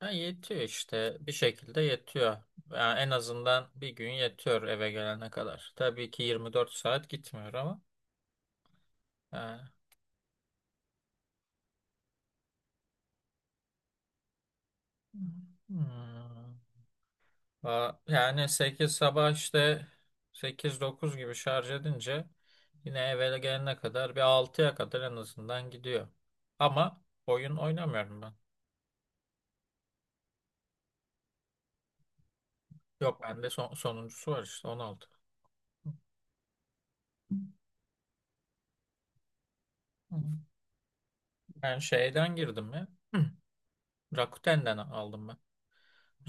Ha, yetiyor işte bir şekilde yetiyor. Yani en azından bir gün yetiyor eve gelene kadar. Tabii ki 24 saat gitmiyor ama. Yani. Hmm. Yani 8 sabah işte sekiz dokuz gibi şarj edince yine eve gelene kadar bir 6'ya kadar en azından gidiyor. Ama oyun oynamıyorum ben. Yok bende sonuncusu var işte 16. Hı. Ben şeyden girdim ya. Rakuten'den aldım.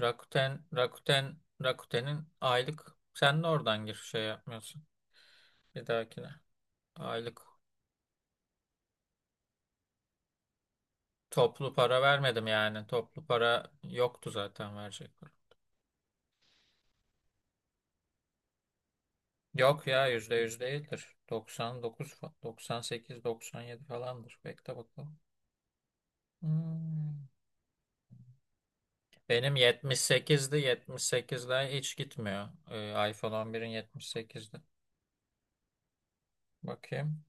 Rakuten, Rakuten, Rakuten'in aylık sen de oradan gir şey yapmıyorsun. Bir dahakine. Aylık toplu para vermedim yani. Toplu para yoktu zaten verecek para. Yok ya yüzde yüz değildir. 99, 98, 97 falandır. Bekle bakalım. Hmm. Benim 78'di. 78'den hiç gitmiyor. iPhone 11'in 78'di. Bakayım.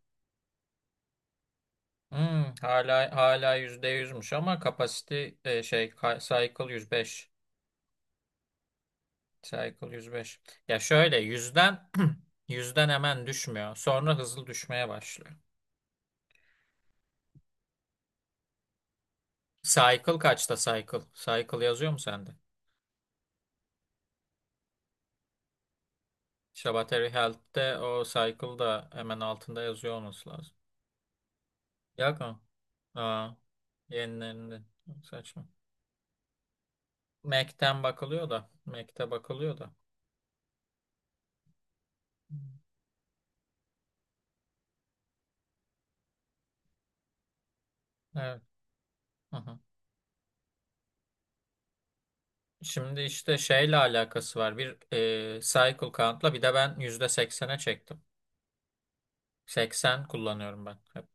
Hmm, hala %100'müş ama kapasite cycle 105. Cycle 105. Ya şöyle yüzden hemen düşmüyor. Sonra hızlı düşmeye başlıyor. Cycle kaçta cycle? Cycle yazıyor mu sende? İşte Battery Health'te o cycle da hemen altında yazıyor olması lazım. Yok mu? Aa, yenilerinde. Saçma. Mac'ten bakılıyor da. Mac'te bakılıyor da. Evet. Hı hı. Şimdi işte şeyle alakası var. Bir cycle count'la bir de ben yüzde seksene çektim. 80 kullanıyorum ben. Hep.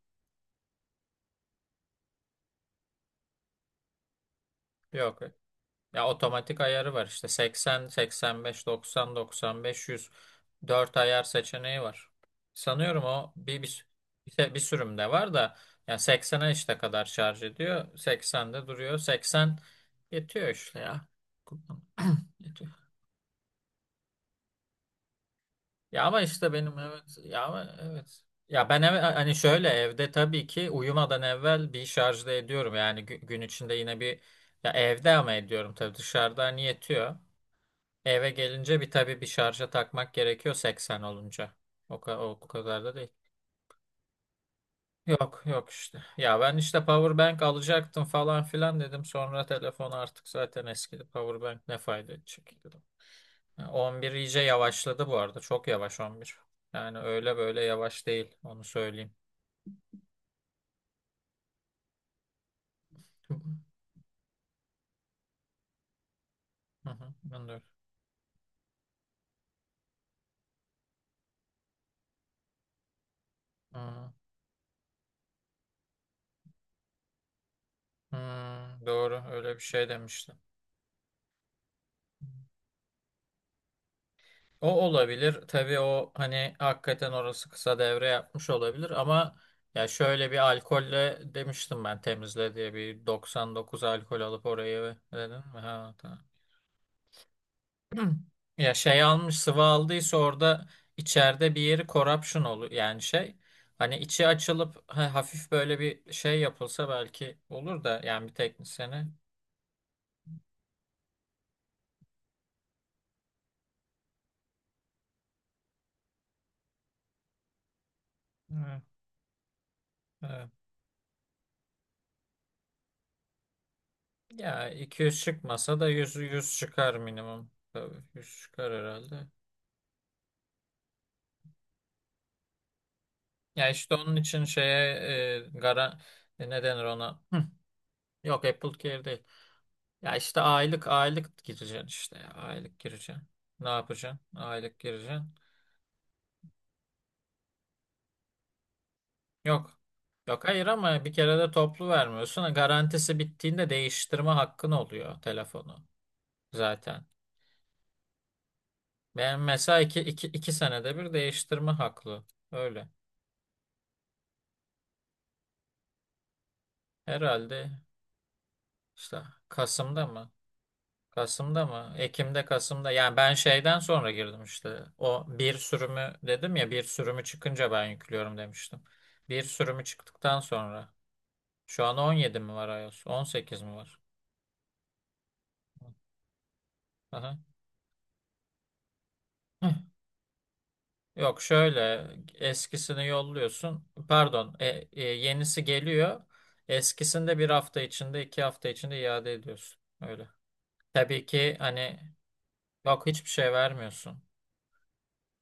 Yok. Ya otomatik ayarı var işte 80, 85, 90, 95, 100 4 ayar seçeneği var. Sanıyorum o bir sürümde var da yani 80'e işte kadar şarj ediyor. 80'de duruyor. 80 yetiyor işte ya. Kullan- Yetiyor. Ya ama işte benim evet ya ama evet. Ya ben eve, hani şöyle evde tabii ki uyumadan evvel bir şarjda ediyorum. Yani gün içinde yine bir ya evde ama ediyorum tabii dışarıda hani yetiyor. Eve gelince bir tabii bir şarja takmak gerekiyor 80 olunca. O kadar da değil. Yok yok işte. Ya ben işte power bank alacaktım falan filan dedim. Sonra telefon artık zaten eskidi. Power bank ne fayda edecek dedim. Ya 11 iyice yavaşladı bu arada. Çok yavaş 11. Yani öyle böyle yavaş değil. Onu söyleyeyim. Hı hı. Hı hı. Ben de öyle. Hı hı. Doğru öyle bir şey demiştim. O olabilir. Tabii o hani hakikaten orası kısa devre yapmış olabilir ama ya şöyle bir alkolle demiştim ben temizle diye bir 99 alkol alıp orayı ve dedin mi? Ha, tamam. Ya şey almış sıvı aldıysa orada içeride bir yeri corruption olur yani şey hani içi açılıp hafif böyle bir şey yapılsa belki olur da yani bir teknisyene. Evet, evet. Ya 200 çıkmasa da 100 100 çıkar minimum. Tabii 100 çıkar herhalde. Ya işte onun için şeye e, gara ne denir ona? Hı. Yok Apple Care değil. Ya işte aylık aylık gireceksin işte ya. Aylık gireceksin. Ne yapacaksın? Aylık gireceksin. Yok. Yok hayır ama bir kere de toplu vermiyorsun. Garantisi bittiğinde değiştirme hakkın oluyor telefonu zaten. Ben mesela iki senede bir değiştirme haklı. Öyle. Herhalde işte Kasım'da mı? Kasım'da mı? Ekim'de Kasım'da. Yani ben şeyden sonra girdim işte. O bir sürümü dedim ya bir sürümü çıkınca ben yüklüyorum demiştim. Bir sürümü çıktıktan sonra. Şu an 17 mi var iOS? On sekiz mi var? Aha. Hıh. Yok şöyle eskisini yolluyorsun. Pardon, yenisi geliyor. Eskisini de bir hafta içinde, 2 hafta içinde iade ediyorsun. Öyle. Tabii ki hani yok hiçbir şey vermiyorsun.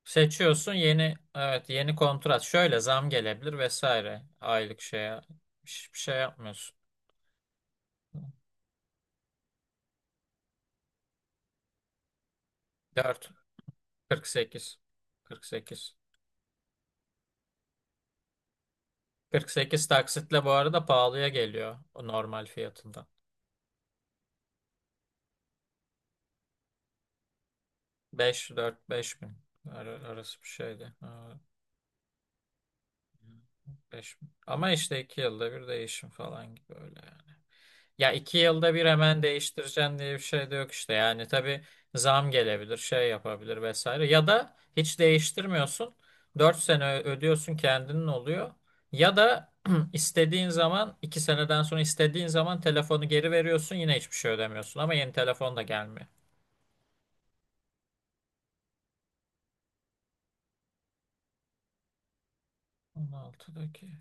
Seçiyorsun yeni evet yeni kontrat. Şöyle zam gelebilir vesaire. Aylık şeye hiçbir şey yapmıyorsun. Dört, kırk sekiz, kırk sekiz, kırk sekiz taksitle bu arada pahalıya geliyor o normal fiyatından. Beş, dört, beş bin arası bir şeydi. Ha, 5 bin. Ama işte 2 yılda bir değişim falan gibi öyle. Yani. Ya 2 yılda bir hemen değiştireceğim diye bir şey de yok işte. Yani tabii zam gelebilir, şey yapabilir vesaire. Ya da hiç değiştirmiyorsun. 4 sene ödüyorsun kendinin oluyor. Ya da istediğin zaman 2 seneden sonra istediğin zaman telefonu geri veriyorsun yine hiçbir şey ödemiyorsun. Ama yeni telefon da gelmiyor. 16'daki.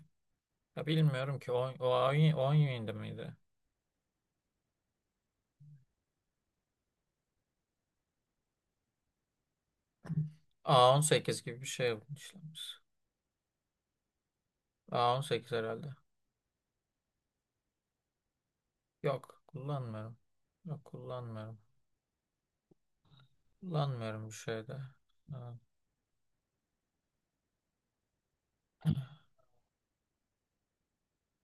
Ya bilmiyorum ki o 10 yönünde miydi? A on sekiz gibi bir şey işlemiş. A18 herhalde. Yok kullanmıyorum. Yok kullanmıyorum. Kullanmıyorum bu şeyde. Ha.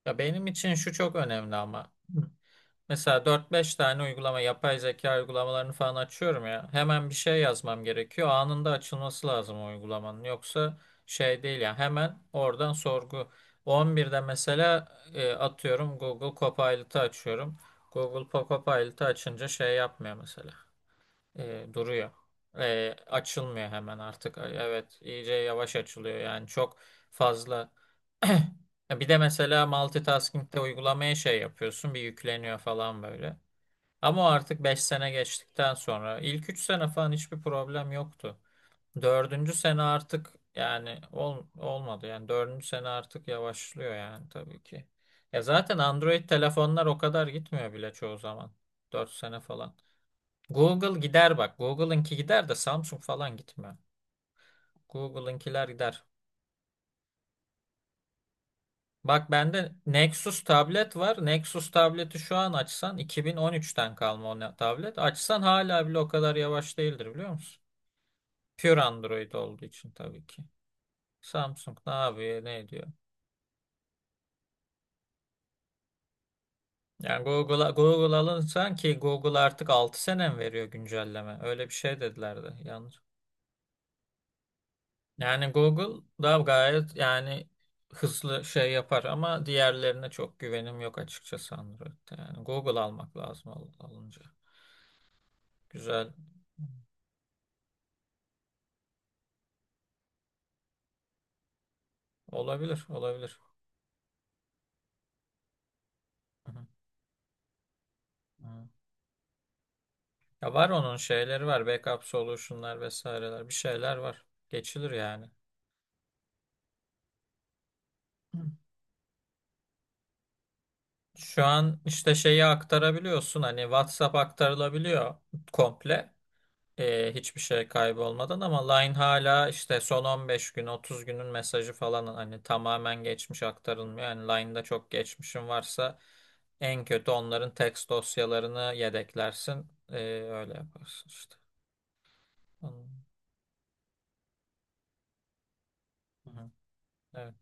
Ya benim için şu çok önemli ama. Hı. Mesela dört beş tane uygulama, yapay zeka uygulamalarını falan açıyorum ya. Hemen bir şey yazmam gerekiyor. Anında açılması lazım o uygulamanın. Yoksa şey değil ya. Hemen oradan sorgu. 11'de mesela atıyorum Google Copilot'ı açıyorum. Google Copilot'ı açınca şey yapmıyor mesela. Duruyor. Açılmıyor hemen artık. Evet, iyice yavaş açılıyor. Yani çok fazla. Bir de mesela multitasking'de uygulamaya şey yapıyorsun, bir yükleniyor falan böyle. Ama o artık 5 sene geçtikten sonra ilk 3 sene falan hiçbir problem yoktu. Dördüncü sene artık yani olmadı. Yani dördüncü sene artık yavaşlıyor yani tabii ki. Ya zaten Android telefonlar o kadar gitmiyor bile çoğu zaman. 4 sene falan. Google gider bak. Google'ınki gider de Samsung falan gitmiyor. Google'ınkiler gider. Bak bende Nexus tablet var. Nexus tableti şu an açsan 2013'ten kalma o tablet. Açsan hala bile o kadar yavaş değildir biliyor musun? Pure Android olduğu için tabii ki. Samsung ne yapıyor ne ediyor? Yani Google'a Google alınsan ki Google artık 6 sene mi veriyor güncelleme? Öyle bir şey dediler de yanlış. Yani Google da gayet yani hızlı şey yapar ama diğerlerine çok güvenim yok açıkçası Android'de. Yani Google almak lazım alınca. Güzel. Olabilir, olabilir. Hı hı. Hı. Ya var onun şeyleri var. Backup solution'lar vesaireler. Bir şeyler var. Geçilir yani. Hı. Şu an işte şeyi aktarabiliyorsun. Hani WhatsApp aktarılabiliyor komple, hiçbir şey kaybolmadan ama Line hala işte son 15 gün 30 günün mesajı falan hani tamamen geçmiş aktarılmıyor. Yani Line'da çok geçmişin varsa en kötü onların text dosyalarını yedeklersin. Öyle yaparsın işte. Onun- Hı hı. Evet.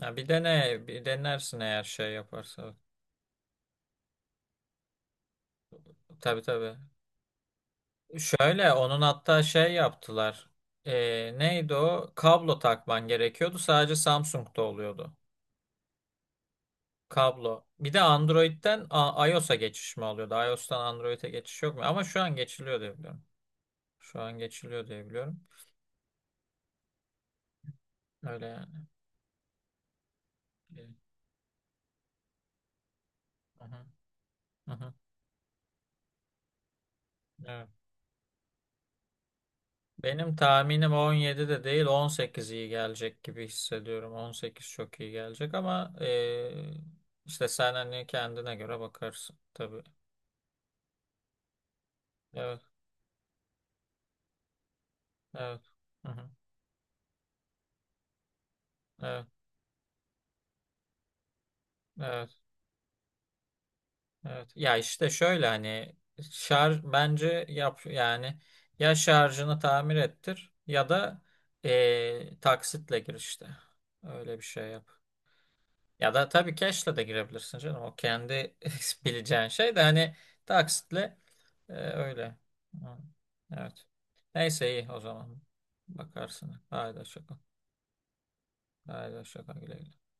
Ha, bir dene, bir denersin eğer şey yaparsa. Tabii tabii. Şöyle onun hatta şey yaptılar. E, neydi o? Kablo takman gerekiyordu. Sadece Samsung'da oluyordu. Kablo. Bir de Android'den iOS'a geçiş mi oluyordu? iOS'tan Android'e geçiş yok mu? Ama şu an geçiliyor diye biliyorum. Şu an geçiliyor diye biliyorum. Öyle yani. Evet. Aha, aha. Evet. Benim tahminim 17 de değil 18 iyi gelecek gibi hissediyorum. 18 çok iyi gelecek ama işte sen hani kendine göre bakarsın tabii. Evet, evet. Aha, evet, evet. Evet. Ya işte şöyle hani şarj bence yap yani ya şarjını tamir ettir ya da taksitle gir işte. Öyle bir şey yap. Ya da tabii cash'le de girebilirsin canım. O kendi bileceğin şey de hani taksitle öyle. Hı. Evet. Neyse iyi o zaman. Bakarsın. Haydi hoşça kal. Haydi hoşça kal. Güle güle.